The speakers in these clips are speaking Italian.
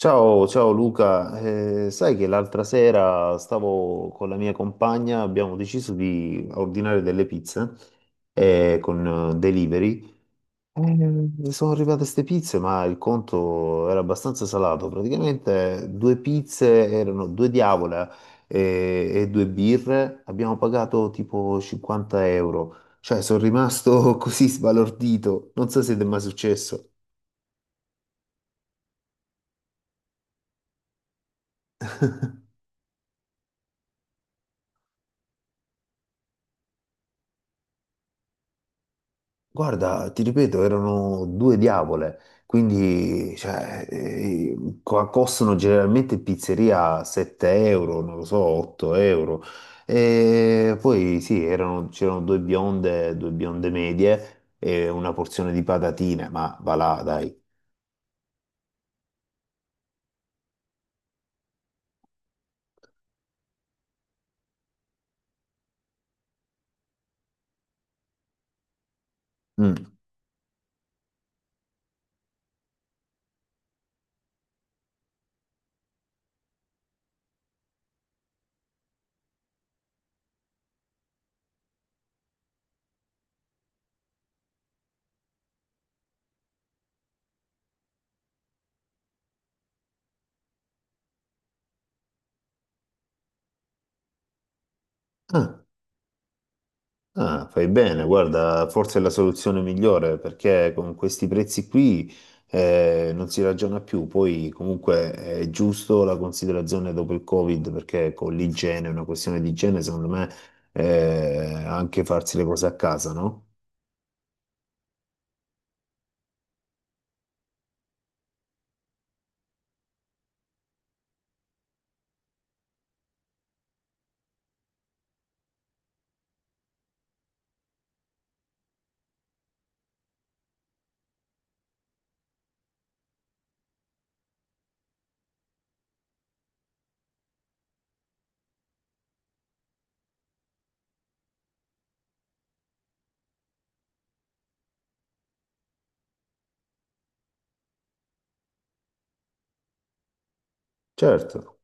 Ciao, ciao Luca. Sai che l'altra sera stavo con la mia compagna, abbiamo deciso di ordinare delle pizze con delivery. Sono arrivate queste pizze, ma il conto era abbastanza salato. Praticamente due pizze erano due diavola due birre, abbiamo pagato tipo 50 euro. Cioè, sono rimasto così sbalordito. Non so se ti è mai successo. Guarda, ti ripeto, erano due diavole, quindi costano generalmente in pizzeria 7 euro, non lo so, 8 euro. E poi sì, c'erano due bionde medie e una porzione di patatine, ma va là, dai. Mm. Ah, ah, fai bene, guarda, forse è la soluzione migliore perché con questi prezzi qui, non si ragiona più. Poi comunque è giusto la considerazione dopo il Covid perché con l'igiene, è una questione di igiene, secondo me, anche farsi le cose a casa, no? Certo.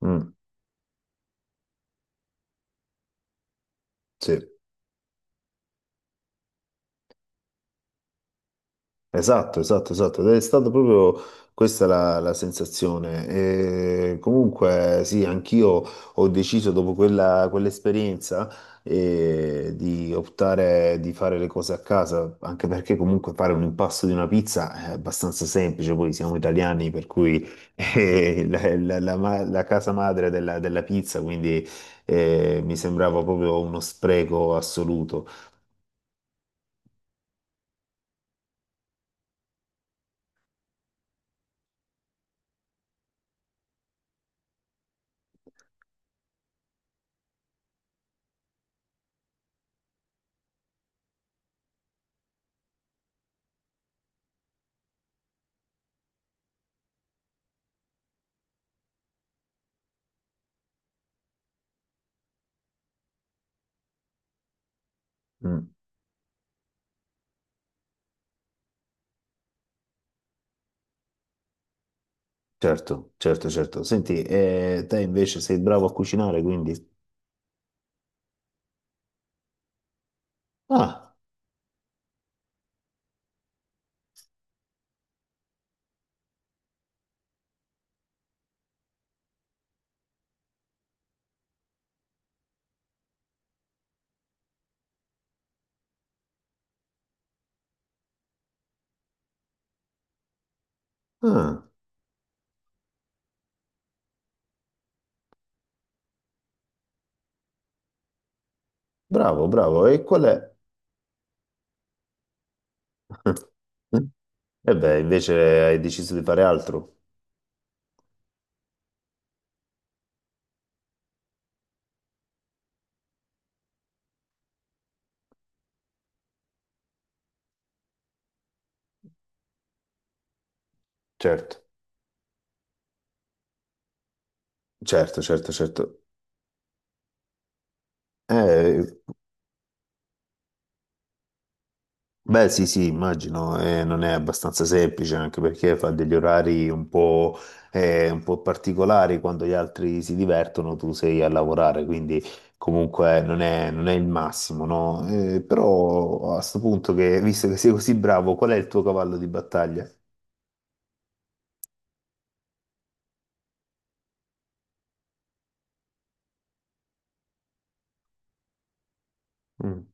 Mm, sì. Esatto, esatto, esatto. Ed è stata proprio questa la sensazione. E comunque, sì, anch'io ho deciso dopo quell'esperienza di optare di fare le cose a casa, anche perché comunque fare un impasto di una pizza è abbastanza semplice. Poi siamo italiani, per cui è la casa madre della pizza, quindi mi sembrava proprio uno spreco assoluto. Mm. Certo, certo, certo. Senti, te invece sei bravo a cucinare, quindi... Ah, ah, bravo, bravo. E qual è? E beh, invece hai deciso di fare altro. Certo, certo, certo, certo. Eh, beh, sì, sì, immagino, non è abbastanza semplice anche perché fa degli orari un un po' particolari quando gli altri si divertono, tu sei a lavorare, quindi comunque non è il massimo, no? Però a sto punto che, visto che sei così bravo, qual è il tuo cavallo di battaglia? Mm.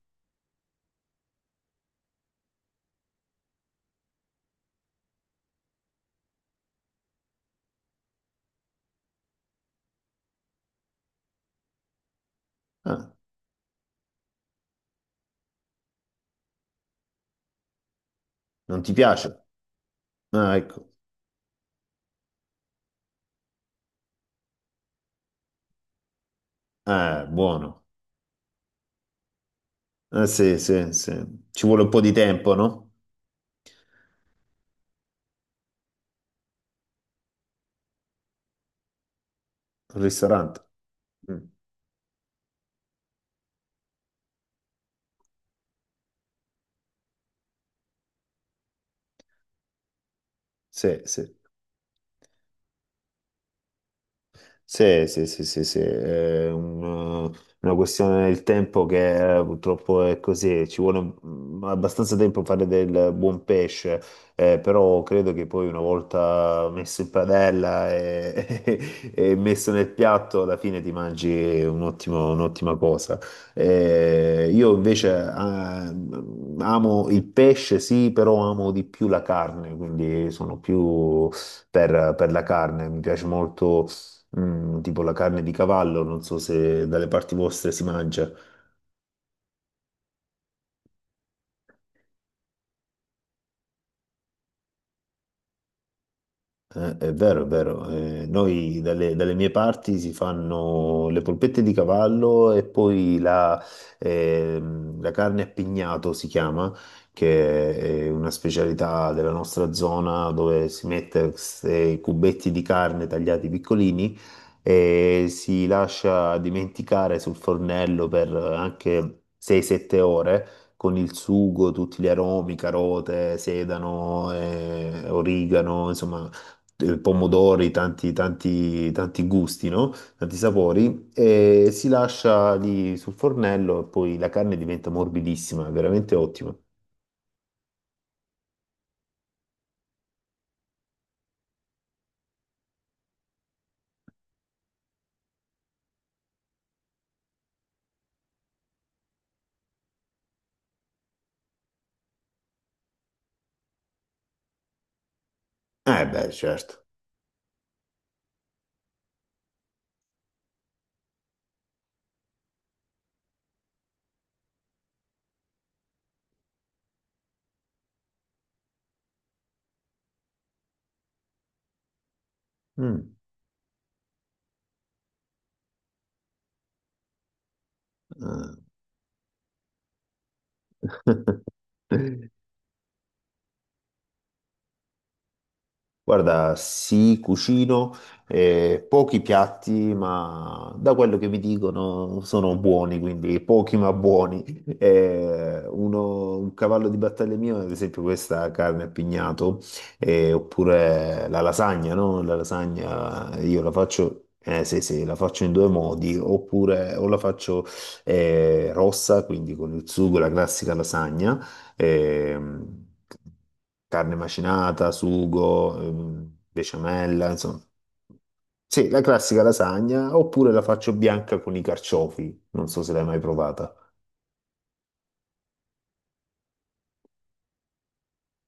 Ah, non ti piace? Ah, ecco. Buono. Sì, sì, sì. Ci vuole un po' di tempo, no? Un ristorante. Mm. Sì, sì. Sì, sì, sì, sì, sì, una questione del tempo che purtroppo è così, ci vuole abbastanza tempo per fare del buon pesce, però credo che poi una volta messo in padella e e messo nel piatto, alla fine ti mangi un'ottima cosa. Io invece amo il pesce, sì, però amo di più la carne, quindi sono più per la carne, mi piace molto. Mm, tipo la carne di cavallo, non so se dalle parti vostre si mangia. È vero, è vero. Noi dalle mie parti si fanno le polpette di cavallo e poi la carne a pignato si chiama, che è una specialità della nostra zona dove si mette questi cubetti di carne tagliati piccolini e si lascia dimenticare sul fornello per anche 6-7 ore, con il sugo, tutti gli aromi, carote, sedano, origano, insomma, pomodori, tanti, tanti, tanti gusti, no? Tanti sapori, e si lascia lì sul fornello e poi la carne diventa morbidissima, è veramente ottima. Eh beh, certo. Mm. Ah. Guarda, sì, cucino pochi piatti, ma da quello che mi dicono sono buoni, quindi pochi ma buoni. Un cavallo di battaglia mio, ad esempio, questa carne a pignato, oppure la lasagna, no? La lasagna io la faccio, sì, sì, la faccio in due modi, oppure o la faccio rossa, quindi con il sugo, la classica lasagna ehm, carne macinata, sugo, besciamella, insomma. Sì, la classica lasagna, oppure la faccio bianca con i carciofi, non so se l'hai mai provata.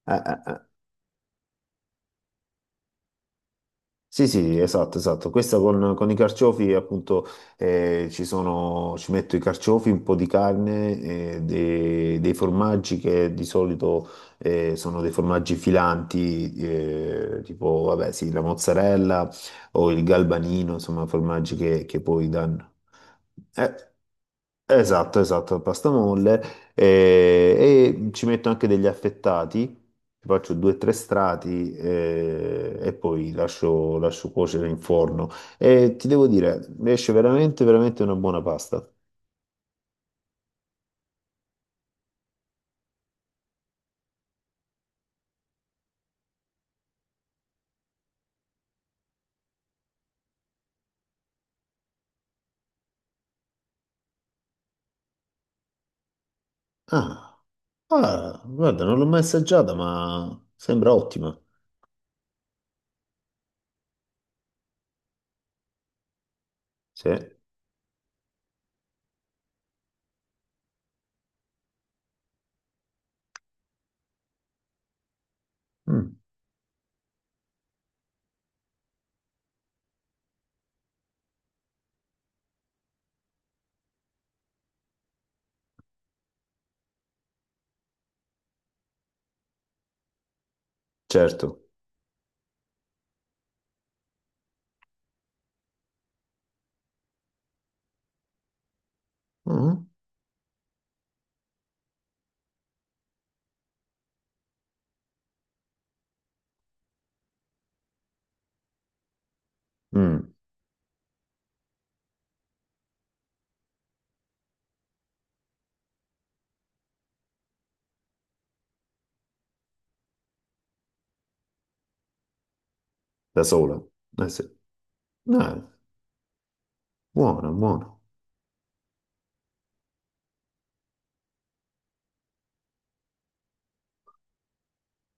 Eh. Sì, sì, esatto, esatto. Questa con i carciofi, appunto, ci metto i carciofi, un po' di carne, dei formaggi che di solito sono dei formaggi filanti, tipo, vabbè, sì, la mozzarella o il galbanino, insomma, formaggi che poi danno. Eh. Esatto, esatto, la pasta molle ci metto anche degli affettati, ci faccio due o tre strati e poi lascio cuocere in forno. E ti devo dire, esce veramente, veramente una buona pasta. Ah, ah, guarda, non l'ho mai assaggiata, ma sembra ottima. Sì, mm, certo. Mhm. Mm, da sola. Eh sì. Eh, buono, buono,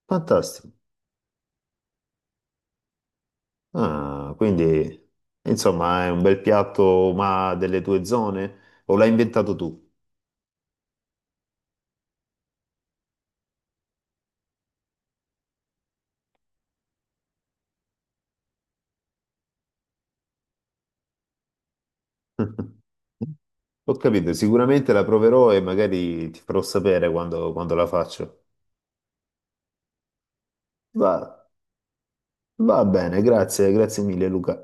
fantastico. Ah, quindi insomma è un bel piatto, ma delle tue zone? O l'hai inventato tu? Ho capito, sicuramente la proverò e magari ti farò sapere quando la faccio. Va, va bene, grazie, grazie mille Luca.